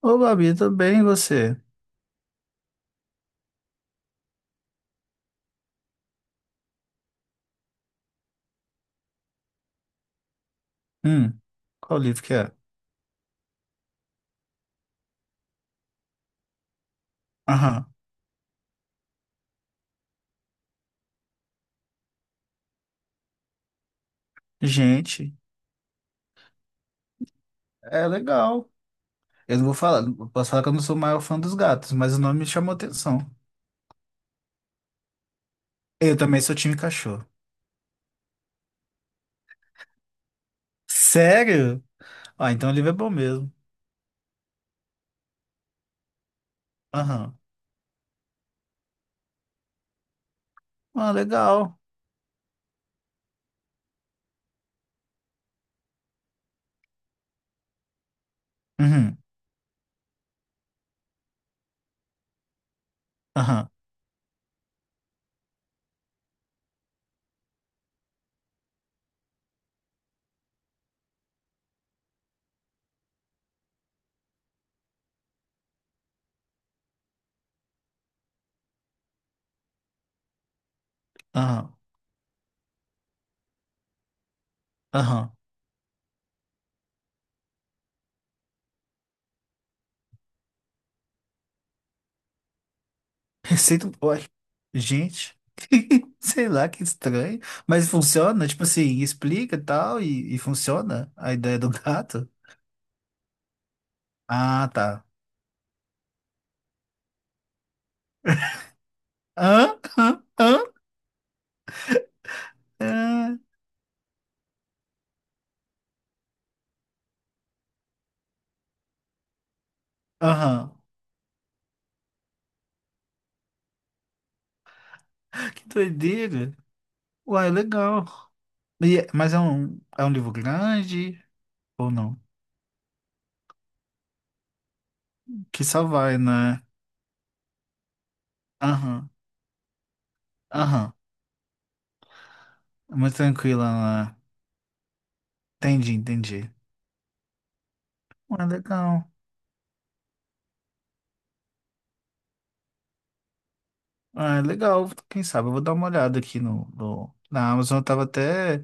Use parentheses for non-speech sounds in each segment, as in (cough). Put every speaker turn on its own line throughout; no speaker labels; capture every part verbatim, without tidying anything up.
Ô, Babi, tudo bem, e você? Hum, qual livro que é? Aham. Gente, é legal. Eu não vou falar, eu posso falar que eu não sou o maior fã dos gatos, mas o nome me chamou atenção. Eu também sou time cachorro. Sério? Ah, então o livro é bom mesmo. Aham. Ah, legal. Uhum. Aham. Aham. Aham. (laughs) Receita. Ué. Gente. (laughs) Sei lá, que estranho. Mas funciona? Tipo assim, explica e tal, e, e funciona a ideia do gato? Ah, tá. Hã? Hã? Hã? É, aham. Que doideira. Uai, legal. E é- mas é um, é um livro grande ou não? Que só vai, né? Aham, aham. É muito tranquila, né? Entendi, entendi. Uai, legal. Uai, legal. Quem sabe eu vou dar uma olhada aqui no, no- na Amazon. Eu tava até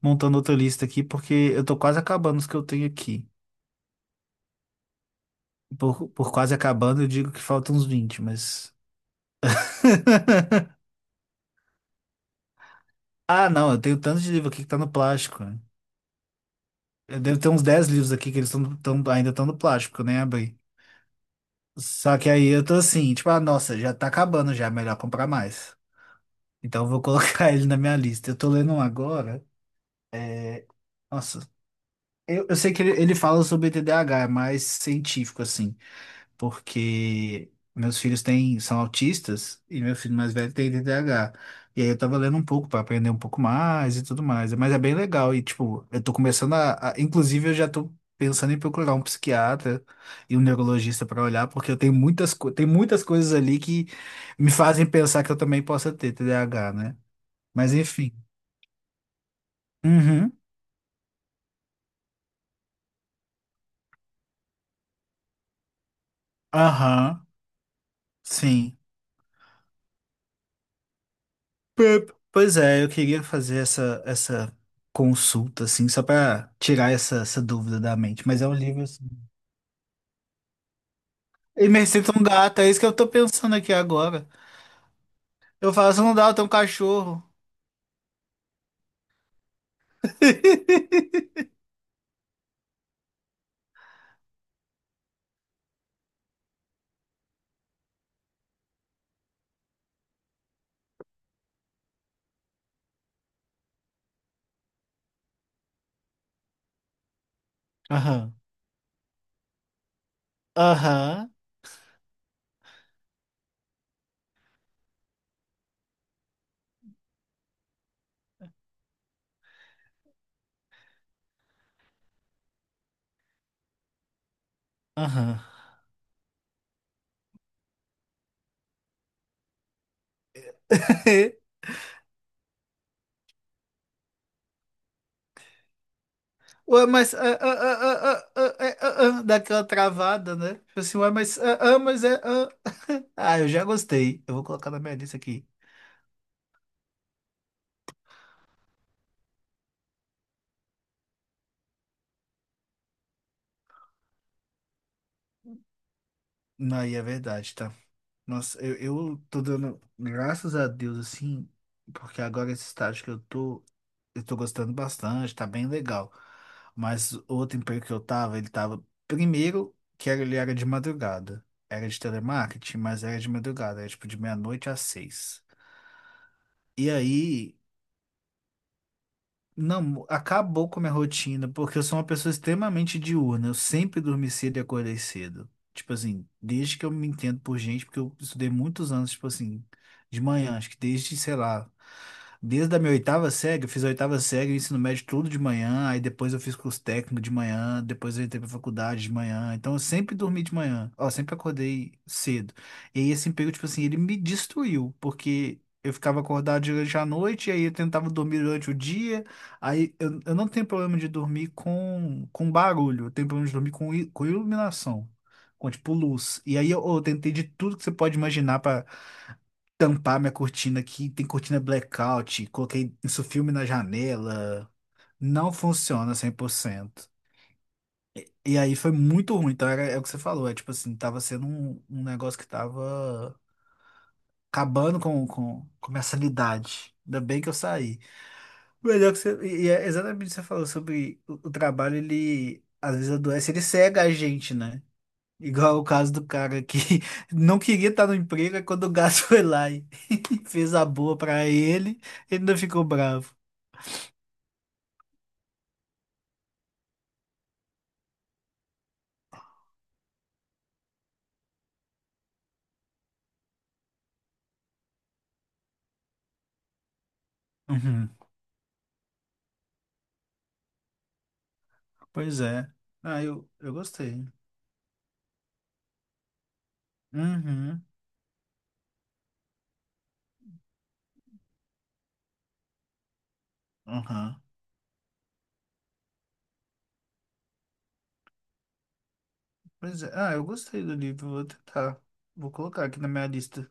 montando outra lista aqui porque eu tô quase acabando os que eu tenho aqui. Por, por quase acabando, eu digo que faltam uns vinte, mas. (laughs) Ah, não, eu tenho tanto de livro aqui que tá no plástico, né? Deve ter uns dez livros aqui que eles tão, tão- ainda estão no plástico, que eu nem abri. Só que aí eu tô assim, tipo, ah, nossa, já tá acabando já, melhor comprar mais. Então eu vou colocar (laughs) ele na minha lista. Eu tô lendo um agora. Nossa, eu, eu sei que ele, ele fala sobre T D A H é mais científico, assim. Porque meus filhos têm, são autistas e meu filho mais velho tem T D A H. E aí eu tava lendo um pouco para aprender um pouco mais e tudo mais. Mas é bem legal. E, tipo, eu tô começando, a, a- inclusive, eu já tô pensando em procurar um psiquiatra e um neurologista para olhar, porque eu tenho muitas, co- tem muitas coisas ali que me fazem pensar que eu também possa ter T D A H, né? Mas enfim. Uhum. Aham. Sim. Pep. Pois é, eu queria fazer essa, essa consulta, assim, só pra tirar essa, essa dúvida da mente. Mas é um livro. Assim. E me receita um gato, é isso que eu tô pensando aqui agora. Eu falo, se não dá, eu tenho um cachorro. (laughs) Aham. Aham. Aham. (laughs) Ué, mas. Ah, ah, ah, ah, ah, ah, é, ah, ah, ah, dá aquela travada, né? Tipo assim, ué, mas. Ah, ah, mas é. Ah, ah, eu já gostei. Eu vou colocar na minha lista aqui. Não, aí é verdade, tá? Nossa, eu, eu tô dando graças a Deus, assim, porque agora esse estágio que eu tô, eu tô gostando bastante, tá bem legal. Mas o outro emprego que eu tava, ele tava, primeiro, que era, ele era de madrugada. Era de telemarketing, mas era de madrugada, era tipo de meia-noite às seis. E aí, não, acabou com a minha rotina, porque eu sou uma pessoa extremamente diurna. Eu sempre dormi cedo e acordei cedo. Tipo assim, desde que eu me entendo por gente, porque eu estudei muitos anos, tipo assim, de manhã, acho que desde, sei lá, desde a minha oitava série, eu fiz a oitava série, ensino médio tudo de manhã, aí depois eu fiz curso técnico de manhã, depois eu entrei pra faculdade de manhã. Então eu sempre dormi de manhã, ó, sempre acordei cedo. E aí esse emprego, tipo assim, ele me destruiu, porque eu ficava acordado durante a noite, e aí eu tentava dormir durante o dia. Aí eu, eu não tenho problema de dormir com, com barulho, eu tenho problema de dormir com, i- com iluminação, com tipo luz. E aí eu, eu tentei de tudo que você pode imaginar pra tampar minha cortina aqui. Tem cortina blackout, coloquei isso filme na janela. Não funciona cem por cento. E aí foi muito ruim. Então era, é o que você falou, é tipo assim, tava sendo um, um negócio que tava acabando com, com, com minha sanidade. Ainda bem que eu saí. Melhor que você. E é exatamente o que você falou sobre o, o trabalho, ele às vezes adoece, ele cega a gente, né? Igual o caso do cara que (laughs) não queria estar no emprego, aí quando o gás (laughs) foi lá e (laughs) fez a boa pra ele, ele ainda ficou bravo. Uhum. Pois é. Ah, eu, eu gostei. Uhum. Uhum. Pois é. Ah, eu gostei do livro, vou tentar. Vou colocar aqui na minha lista.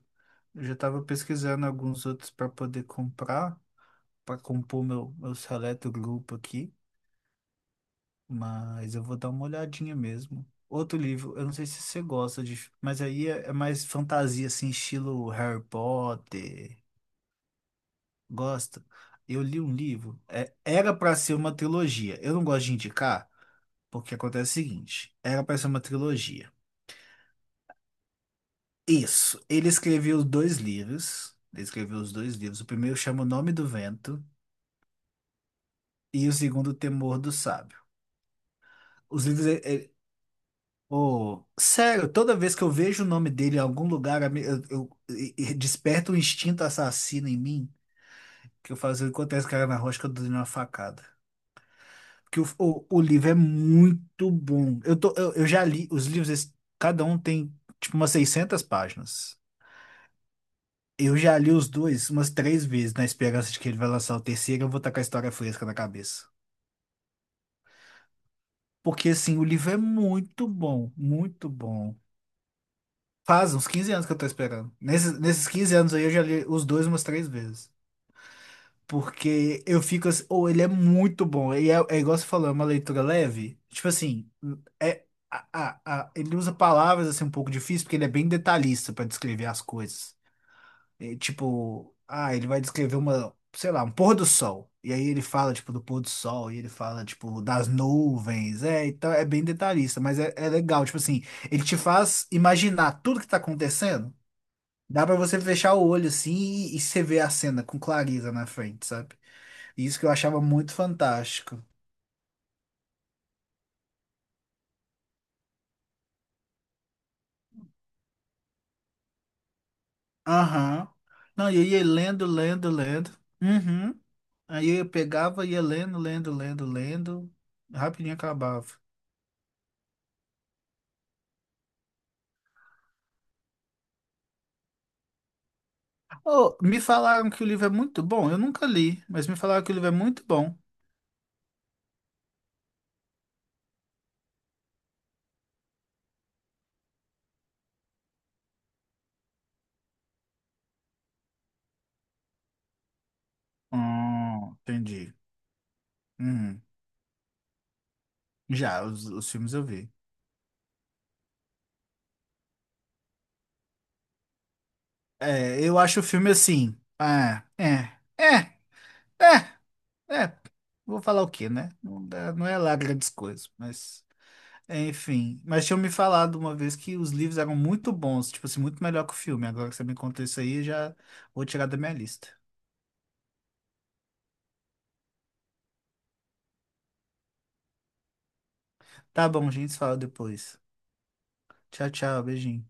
Eu já tava pesquisando alguns outros para poder comprar, para compor meu, meu seleto grupo aqui. Mas eu vou dar uma olhadinha mesmo. Outro livro, eu não sei se você gosta de, mas aí é, é mais fantasia, assim, estilo Harry Potter. Gosta? Eu li um livro, é, era para ser uma trilogia. Eu não gosto de indicar, porque acontece o seguinte: era para ser uma trilogia. Isso, ele escreveu os dois livros. Ele escreveu os dois livros. O primeiro chama O Nome do Vento e o segundo, O Temor do Sábio. Os livros, é, é, oh, sério, toda vez que eu vejo o nome dele em algum lugar, a me- eu, eu- e- e desperta um instinto assassino em mim, que eu faço enquanto esse cara na rocha que eu dou uma facada. Porque o, o, o livro é muito bom. Eu, tô, eu, eu já li os livros, eles- cada um tem tipo umas seiscentas páginas. Eu já li os dois umas três vezes, na esperança de que ele vai lançar o terceiro, e eu vou estar com a história fresca na cabeça. Porque assim, o livro é muito bom, muito bom. Faz uns quinze anos que eu tô esperando. Nesses, nesses quinze anos aí eu já li os dois umas três vezes. Porque eu fico assim, ou ele é muito bom. E é, é igual você falou, é uma leitura leve. Tipo assim, é, a, a, a- ele usa palavras assim um pouco difíceis, porque ele é bem detalhista pra descrever as coisas. É, tipo, ah, ele vai descrever uma, sei lá, um pôr do sol. E aí ele fala, tipo, do pôr do sol, e ele fala, tipo, das nuvens. É, então é bem detalhista, mas é, é legal. Tipo assim, ele te faz imaginar tudo que tá acontecendo. Dá pra você fechar o olho assim e, e você vê a cena com clareza na frente, sabe? Isso que eu achava muito fantástico. Aham. Não, e eu ia lendo, lendo, lendo. Uhum. Aí eu pegava, ia lendo, lendo, lendo, lendo. Rapidinho acabava. Oh, me falaram que o livro é muito bom. Eu nunca li, mas me falaram que o livro é muito bom. Hum, entendi. Uhum. Já, os, os filmes eu vi. É, eu acho o filme assim. Ah, é, é, é, é. é, vou falar o quê, né? Não dá- não é lá grandes coisas, mas. Enfim. Mas tinham me falado uma vez que os livros eram muito bons, tipo assim, muito melhor que o filme. Agora que você me contou isso aí, eu já vou tirar da minha lista. Tá bom, gente, se fala depois. Tchau, tchau, beijinho.